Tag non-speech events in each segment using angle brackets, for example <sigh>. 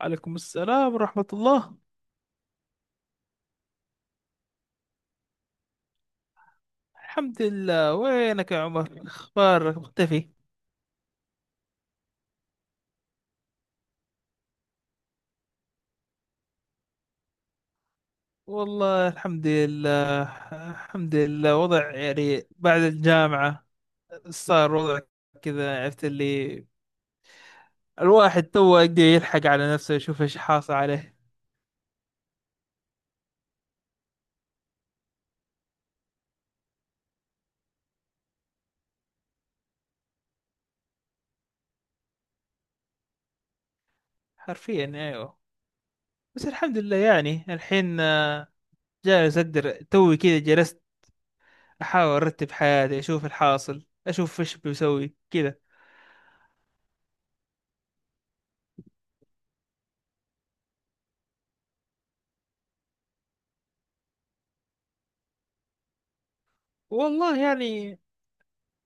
عليكم السلام ورحمة الله. الحمد لله، وينك يا عمر؟ اخبارك مختفي. والله الحمد لله. الحمد لله، وضع يعني بعد الجامعة صار وضع كذا، عرفت اللي الواحد تو يقدر يلحق على نفسه يشوف ايش حاصل عليه. حرفيا ايوه. بس الحمد لله يعني الحين جالس اقدر توي كذا. جلست احاول ارتب حياتي، اشوف الحاصل، اشوف ايش بسوي كذا. والله يعني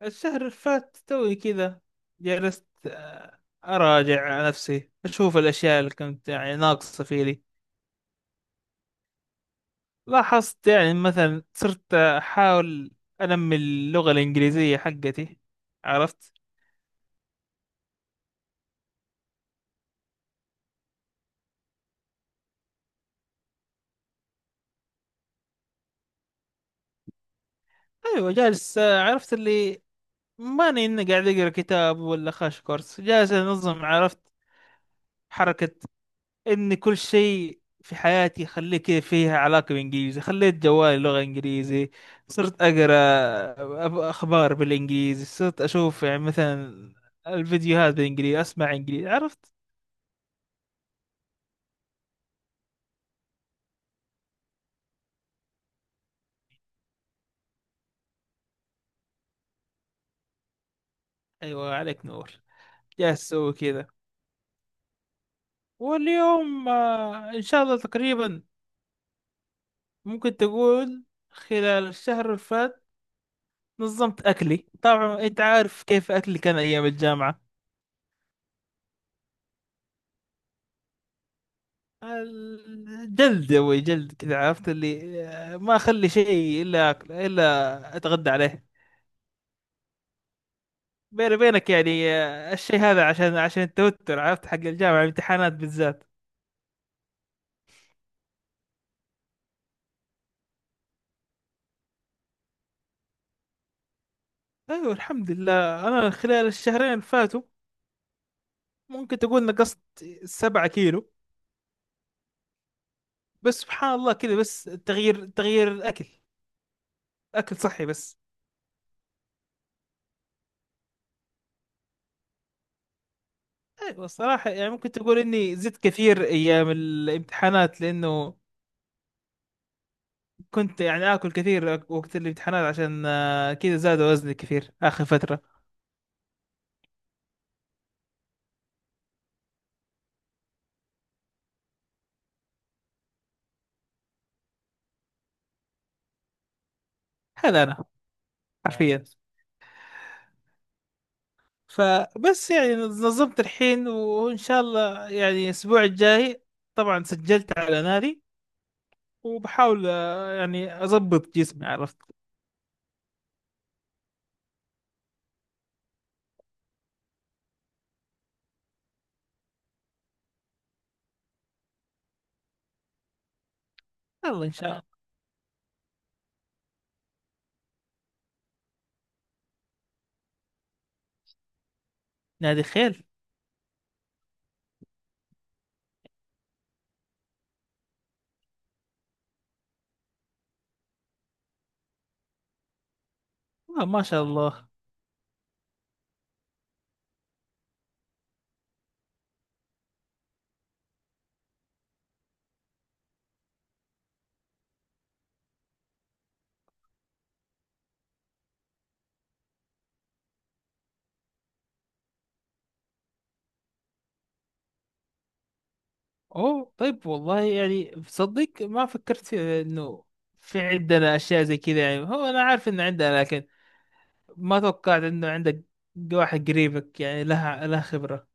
الشهر اللي فات توي كذا جلست، أراجع نفسي، أشوف الأشياء اللي كنت يعني ناقصة فيني. لاحظت يعني مثلا صرت أحاول أنمي اللغة الإنجليزية حقتي، عرفت. أيوة جالس، عرفت اللي ماني إني قاعد أقرأ كتاب ولا خاش كورس، جالس أنظم، عرفت. حركة ان كل شيء في حياتي خليك فيها علاقة بالانجليزي، خليت جوالي لغة انجليزي، صرت اقرا اخبار بالانجليزي، صرت اشوف يعني مثلا الفيديوهات بالانجليزي، اسمع انجليزي، عرفت. ايوه عليك نور. جالس اسوي كذا. واليوم ان شاء الله تقريبا ممكن تقول خلال الشهر اللي فات نظمت اكلي. طبعا انت عارف كيف اكلي كان ايام الجامعة. جلد يا ابوي، جلد، كذا، عرفت اللي، ما اخلي شيء الا أكل، الا اتغدى عليه. بيني بينك يعني، الشيء هذا عشان التوتر، عرفت، حق الجامعه الامتحانات بالذات. ايوه الحمد لله انا خلال الشهرين اللي فاتوا ممكن تقول نقصت 7 كيلو. بس سبحان الله، كذا بس تغيير الاكل، اكل صحي بس. ايوه الصراحه يعني ممكن تقول اني زدت كثير ايام الامتحانات، لانه كنت يعني آكل كثير وقت الامتحانات، عشان كذا زاد وزني كثير آخر فترة. هذا أنا حرفيا. فبس يعني نظمت الحين، وإن شاء الله يعني الأسبوع الجاي طبعا سجلت على نادي، وبحاول يعني أضبط جسمي، عرفت. يلا إن شاء الله. نادي خيل؟ آه ما شاء الله. أوه طيب، والله يعني صدق ما فكرت في إنه في عندنا أشياء زي كذا. يعني هو أنا عارف إن عندنا، لكن ما توقعت انه عندك واحد قريبك يعني لها خبرة.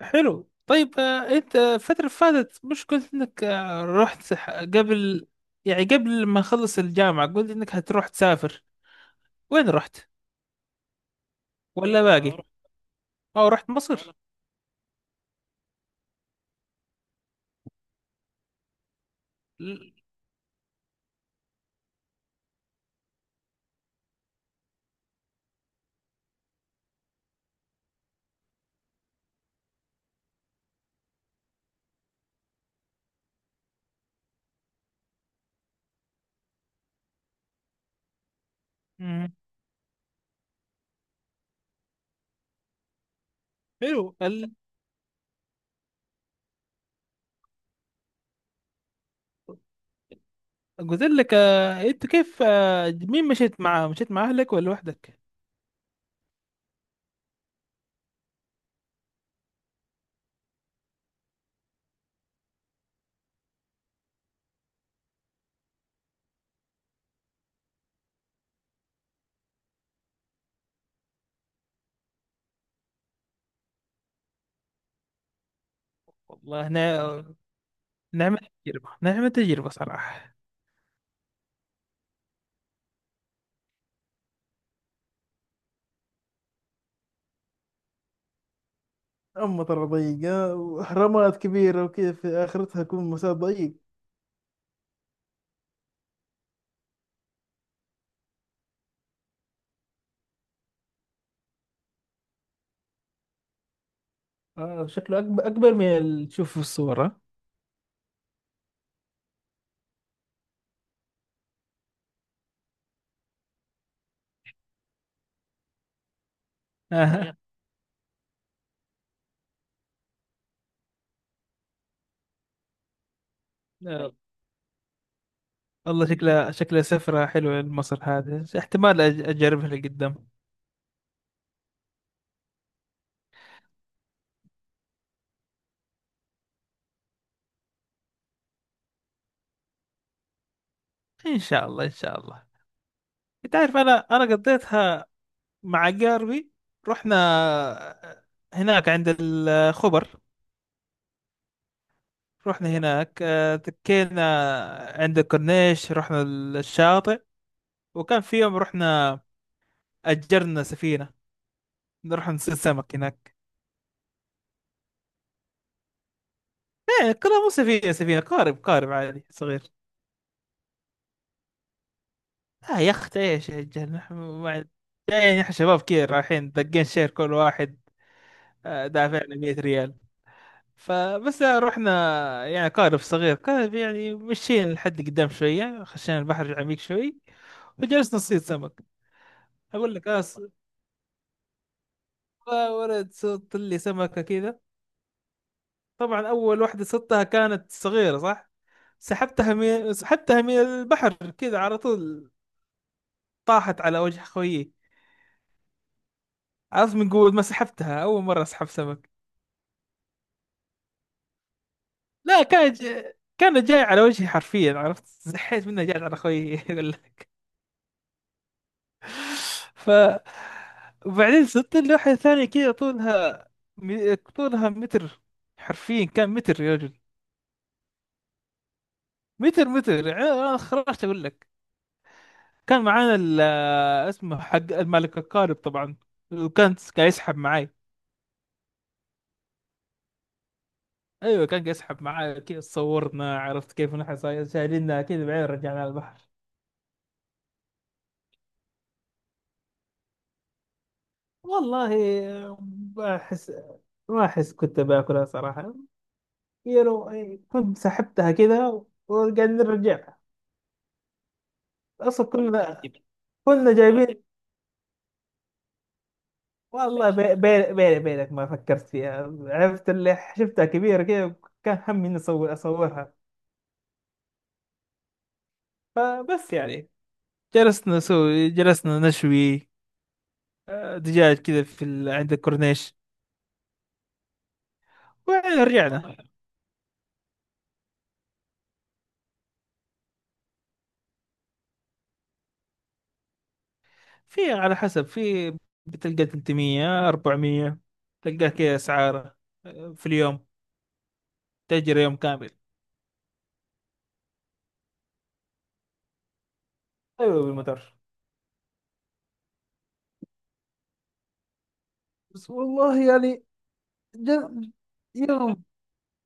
حلو طيب، انت الفترة اللي فاتت مش قلت انك رحت قبل يعني قبل ما اخلص الجامعة، قلت انك هتروح تسافر. وين رحت؟ ولا اه باقي رحت؟ اه أو رحت اه مصر رحت؟ ل- مم. حلو قلت لك انت كيف مين مشيت معاه؟ مشيت مع اهلك ولا لوحدك؟ والله لا نا- نعمة تجربة، نعمة تجربة صراحة. أما ترى ضيقة، وأهرامات كبيرة وكذا في آخرتها يكون مسار ضيق. آه شكله أكبر، أكبر من اللي تشوفه في الصورة. آه. آه. <laughs> الله، شكلها شكلها سفرة حلوة لمصر هذه، احتمال أجربها لقدام. إن شاء الله إن شاء الله. أنت عارف أنا، قضيتها مع قاربي. رحنا هناك عند الخبر. رحنا هناك، تكينا عند الكورنيش، رحنا الشاطئ. وكان في يوم رحنا أجرنا سفينة نروح نصيد سمك هناك. ايه، كلها مو سفينة سفينة، قارب، قارب عادي صغير. اه يا اخت ايش يا رجال، نحن جايين احنا شباب كثير رايحين دقين شير كل واحد دافعنا 100 ريال. فبس رحنا، يعني قارب صغير، قارب يعني مشينا لحد قدام شوية، خشينا البحر عميق شوي، وجلسنا نصيد سمك. اقول لك يا ولد، صدت لي سمكة كذا. طبعا اول واحدة صدتها كانت صغيرة صح، سحبتها من البحر كذا على طول، طاحت على وجه خويي. عرفت، من قوة ما سحبتها، أول مرة أسحب سمك. لا كان ج... كان جاي على وجهي حرفيا، عرفت، زحيت منه جاي على خويي <laughs> يقول لك. ف وبعدين صرت اللوحة الثانية كذا طولها، طولها متر، حرفيا كان متر يا رجل. متر متر يعني. أنا خرجت أقول لك، كان معانا اسمه حق الملك القارب طبعا، وكان قاعد يسحب معي. ايوه كان يسحب معاه كيف صورنا، عرفت كيف نحن شايلينها كذا، بعدين رجعنا على البحر. والله ما احس ما احس كنت باكلها صراحه. يعني كنت سحبتها كذا وقاعدين نرجعها. اصلا كنا جايبين. والله بيني بينك ما فكرت فيها، عرفت اللي شفتها كبيره كذا، كان همي اني اصور، اصورها. فبس يعني جلسنا نشوي دجاج كذا في عند الكورنيش، وبعدين رجعنا. في على حسب، بتلقى 300، 400 تلقاه كذا اسعاره، في اليوم، تأجر يوم كامل. ايوه بالمتر. بس والله يعني جل... يوم.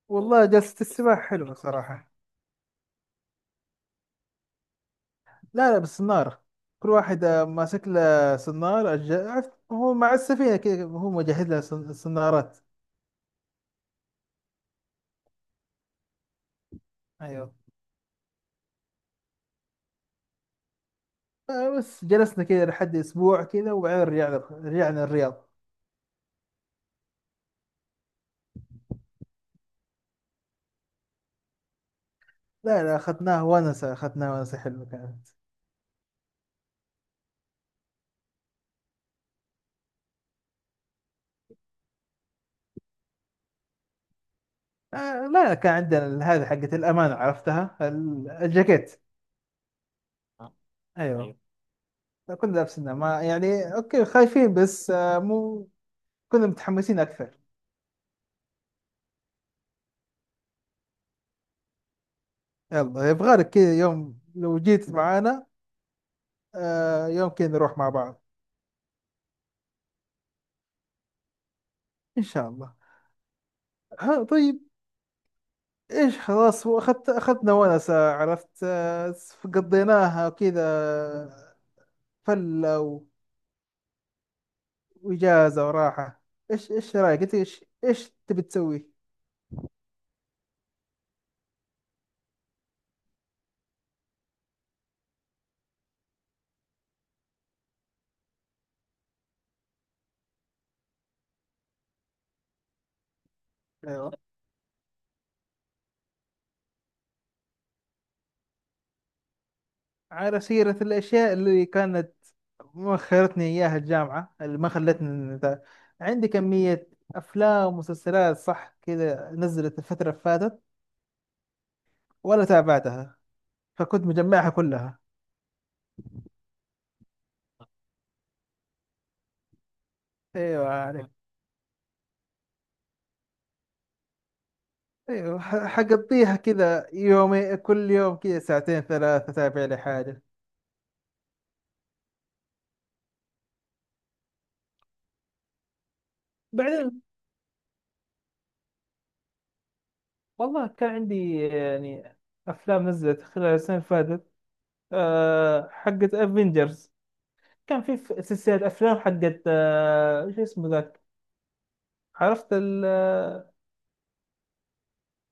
والله جلسة السباحة حلوة صراحة. لا لا بالصنارة. كل واحد ماسك له صنارة، عرفت هو مع السفينة كذا هو مجهز لها، صنارات. أيوه. بس جلسنا كذا لحد أسبوع كذا وبعدين رجعنا، رجعنا الرياض. لا لا أخذناها ونسة، أخذناها ونسة حلوة كانت. آه لا، كان عندنا هذه حقت الأمانة، عرفتها، الجاكيت. أيوه. ايوه كنا لابسينها، ما يعني أوكي خايفين، بس آه مو، كنا متحمسين أكثر. يلا يبغى لك كذا يوم لو جيت معانا، آه يوم كذا نروح مع بعض. إن شاء الله. ها طيب، إيش؟ خلاص، أخذنا ونسة، عرفت آه، قضيناها كذا فلة، وإجازة وراحة. إيش، رأيك أنت؟ إيش، تبي تسوي؟ على سيرة الأشياء اللي كانت مؤخرتني إياها الجامعة، اللي ما خلتني عندي كمية أفلام ومسلسلات صح كذا نزلت الفترة اللي فاتت، ولا تابعتها، فكنت مجمعها كلها. أيوة عليك. أيوة حقضيها كذا يومي، كل يوم كذا ساعتين ثلاثة أتابع لي حاجة. بعدين، والله كان عندي يعني أفلام نزلت خلال السنة اللي فاتت، أه حقت افنجرز. كان في سلسلة أفلام حقت، شو اسمه ذاك، عرفت، ال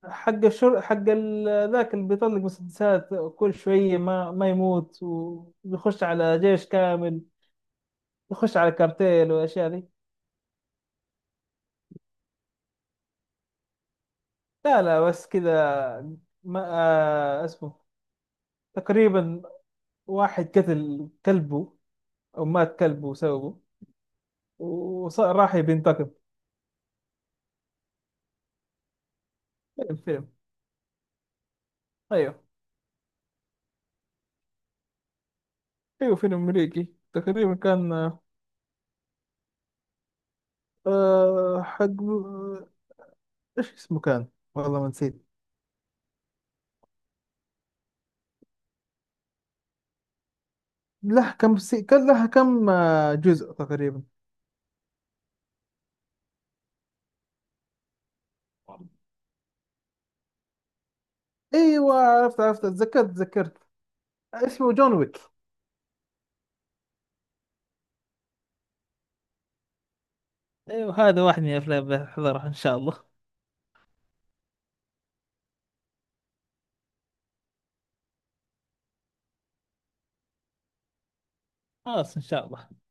حق الشر حق ال- ذاك اللي بيطلق مسدسات كل شوية، ما يموت، ويخش على جيش كامل، يخش على كارتيل والأشياء دي. لا لا بس كذا، ما اسمه. تقريبا واحد قتل كلبه، أو مات كلبه وسوه، وراح يبي ينتقم. فيلم، فيلم. أيوه. أيوه فيلم أمريكي تقريبا كان، آه حق إيش اسمه كان، والله ما نسيت. له كم كان لها كم جزء تقريبا. ايوه عرفت، عرفت، تذكرت تذكرت. اسمه جون ويك. ايوه هذا واحد من الافلام بحضرها ان شاء الله. خلاص ان شاء الله.